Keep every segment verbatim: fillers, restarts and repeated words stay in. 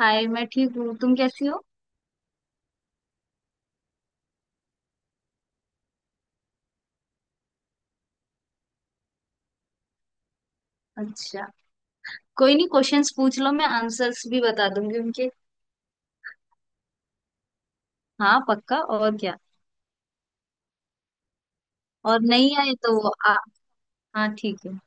हाय। मैं ठीक हूँ। तुम कैसी हो? अच्छा। कोई नहीं, क्वेश्चंस पूछ लो, मैं आंसर्स भी बता दूंगी उनके। हाँ, पक्का। और क्या? और नहीं आए तो वो आ। हाँ, ठीक है।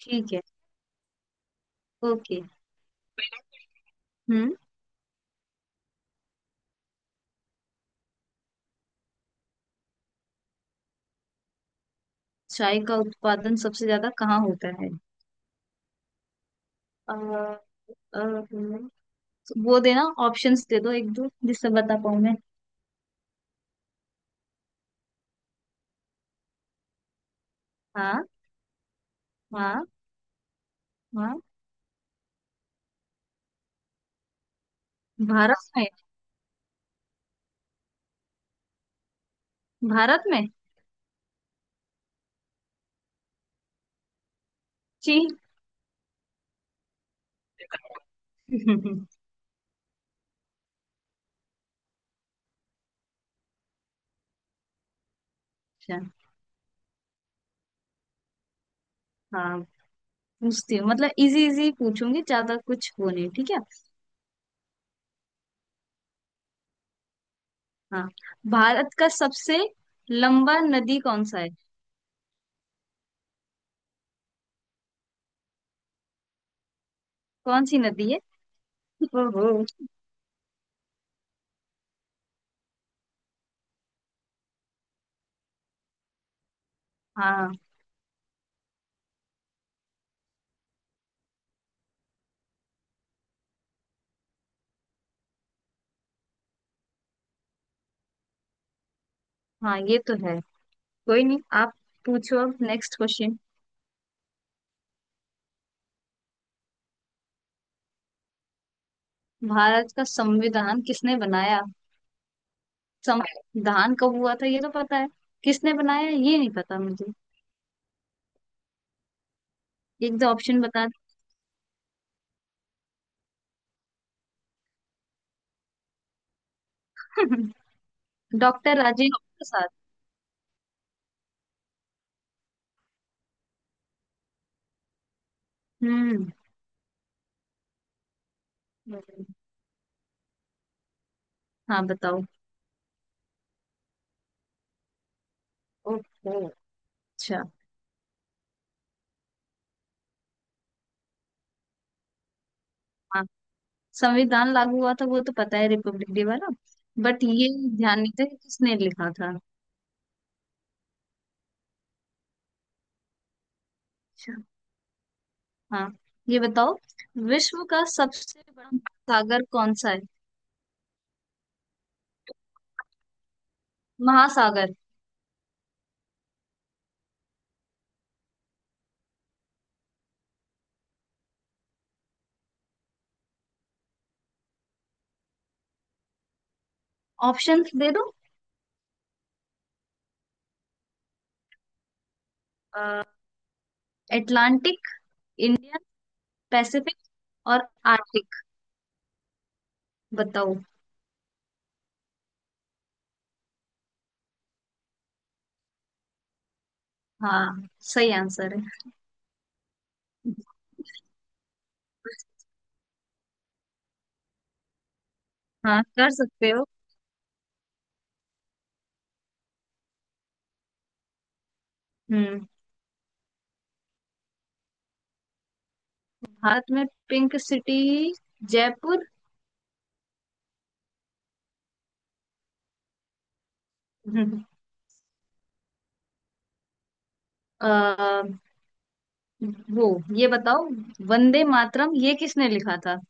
ठीक है। ओके। हम्म। चाय का उत्पादन सबसे ज्यादा कहाँ होता है? अ, अ, हम्म, वो देना ऑप्शंस दे दो, एक दो, जिससे बता पाऊँ मैं। हाँ। हाँ। हाँ। भारत में। भारत में। चीन। अच्छा। हाँ, पूछती हूँ, मतलब इजी इजी पूछूंगी, ज्यादा कुछ वो नहीं, ठीक है? हाँ। भारत का सबसे लंबा नदी कौन सा है? कौन सी नदी है? ओहो। हाँ, हाँ, ये तो है। कोई नहीं, आप पूछो अब नेक्स्ट क्वेश्चन। भारत का संविधान किसने बनाया? संविधान कब हुआ था ये तो पता है, किसने बनाया ये नहीं पता मुझे। एक दो ऑप्शन बता दो। डॉक्टर राजेंद्र प्रसाद। हम्म। हाँ, बताओ। ओहो। अच्छा। हाँ। संविधान लागू हुआ था वो तो पता है, रिपब्लिक डे वाला। बट ये ध्यान नहीं था कि किसने लिखा था। हाँ, ये बताओ, विश्व का सबसे बड़ा सागर कौन सा है? महासागर। ऑप्शंस दे दो। अटलांटिक। इंडियन। पैसिफिक। और आर्कटिक। बताओ। हाँ, सही आंसर है। हाँ, कर सकते हो। हम्म। भारत में पिंक सिटी? जयपुर। हम्म। अ, वो ये बताओ, वंदे मातरम ये किसने लिखा था?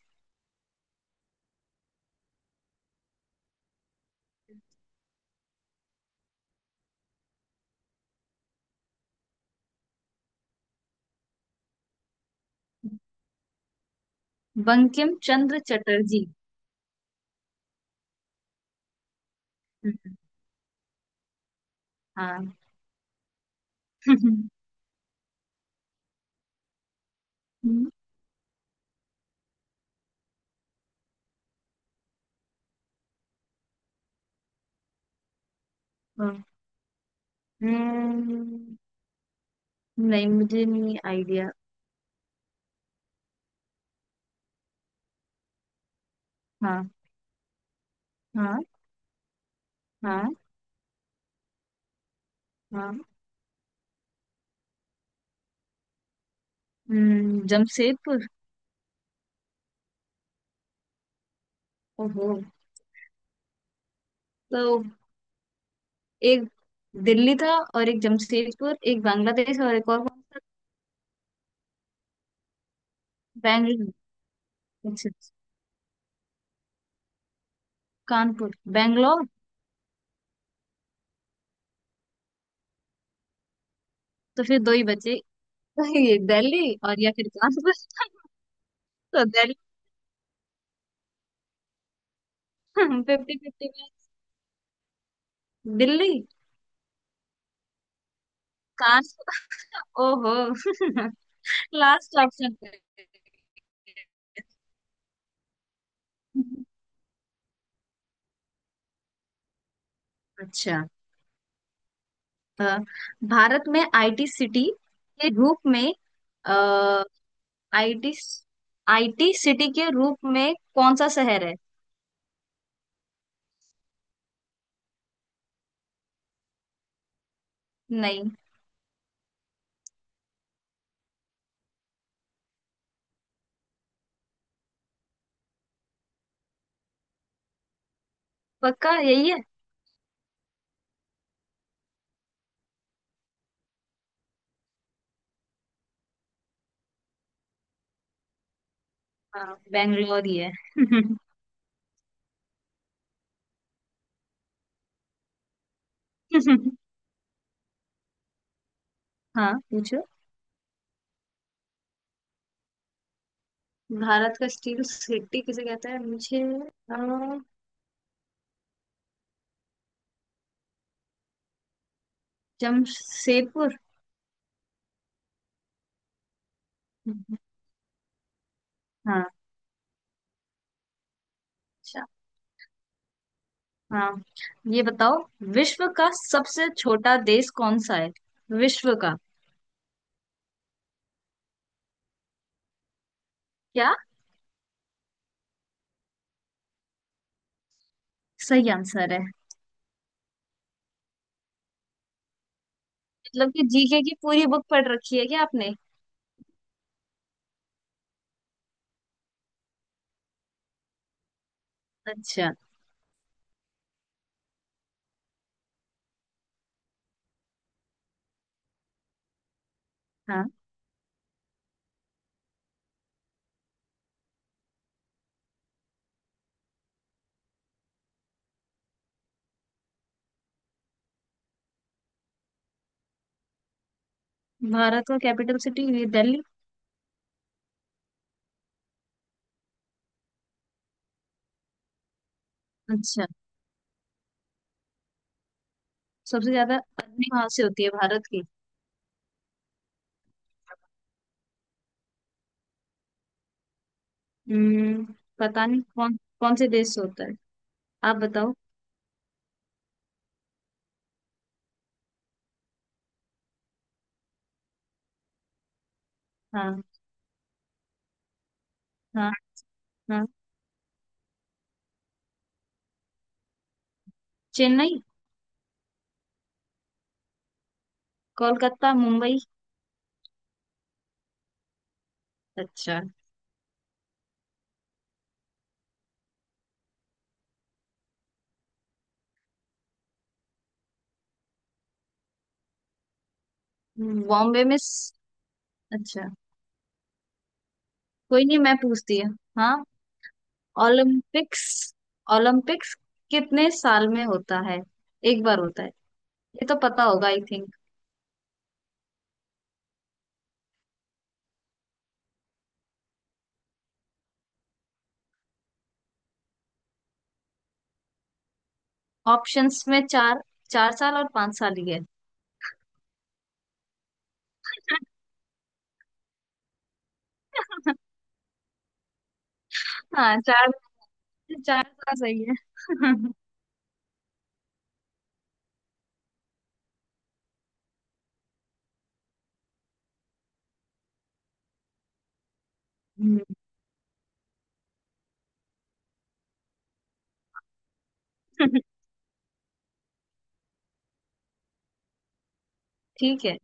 बंकिम चंद्र चटर्जी। हम्म, हाँ। हम्म, हम्म, नहीं, मुझे नहीं आइडिया। हाँ। हाँ। हाँ। हाँ। हम्म जमशेदपुर। ओहो, तो एक दिल्ली था, और एक जमशेदपुर, एक बांग्लादेश, और एक और कौन सा? बैंगलोर। अच्छा। कानपुर, बैंगलोर। तो फिर दो ही बचे, ये दिल्ली और या फिर कानपुर। तो दिल्ली। फिफ्टी फिफ्टी में दिल्ली। कानपुर। ओहो। Last option. अच्छा। अ, भारत में आईटी सिटी के रूप में, अ, आईटी आईटी सिटी के रूप में कौन सा शहर है? नहीं, पक्का यही है? हाँ, बेंगलोर ही है। हाँ, पूछो। भारत का स्टील सिटी किसे कहते हैं? मुझे अ, जमशेदपुर। हाँ। अच्छा। हाँ, ये बताओ, विश्व का सबसे छोटा देश कौन सा है? विश्व का? क्या? सही आंसर है। मतलब कि जीके की पूरी बुक पढ़ रखी है क्या आपने? अच्छा। हाँ, भारत का कैपिटल सिटी दिल्ली। अच्छा। सबसे ज्यादा अग्नि वहां से होती है भारत की। हम्म। पता नहीं, कौन कौन से देश से होता है। आप बताओ। हाँ। हाँ। हाँ। चेन्नई। कोलकाता, मुंबई। अच्छा। बॉम्बे में स- अच्छा। कोई नहीं, मैं पूछती है। हाँ। ओलंपिक्स ओलंपिक्स कितने साल में होता है? एक बार होता है? ये तो पता होगा आई थिंक। ऑप्शंस में चार चार साल और पांच साल ही है। हाँ, चार चार साल सही है। हम्म। ठीक है।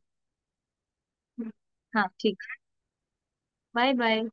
हाँ, ठीक। Bye bye.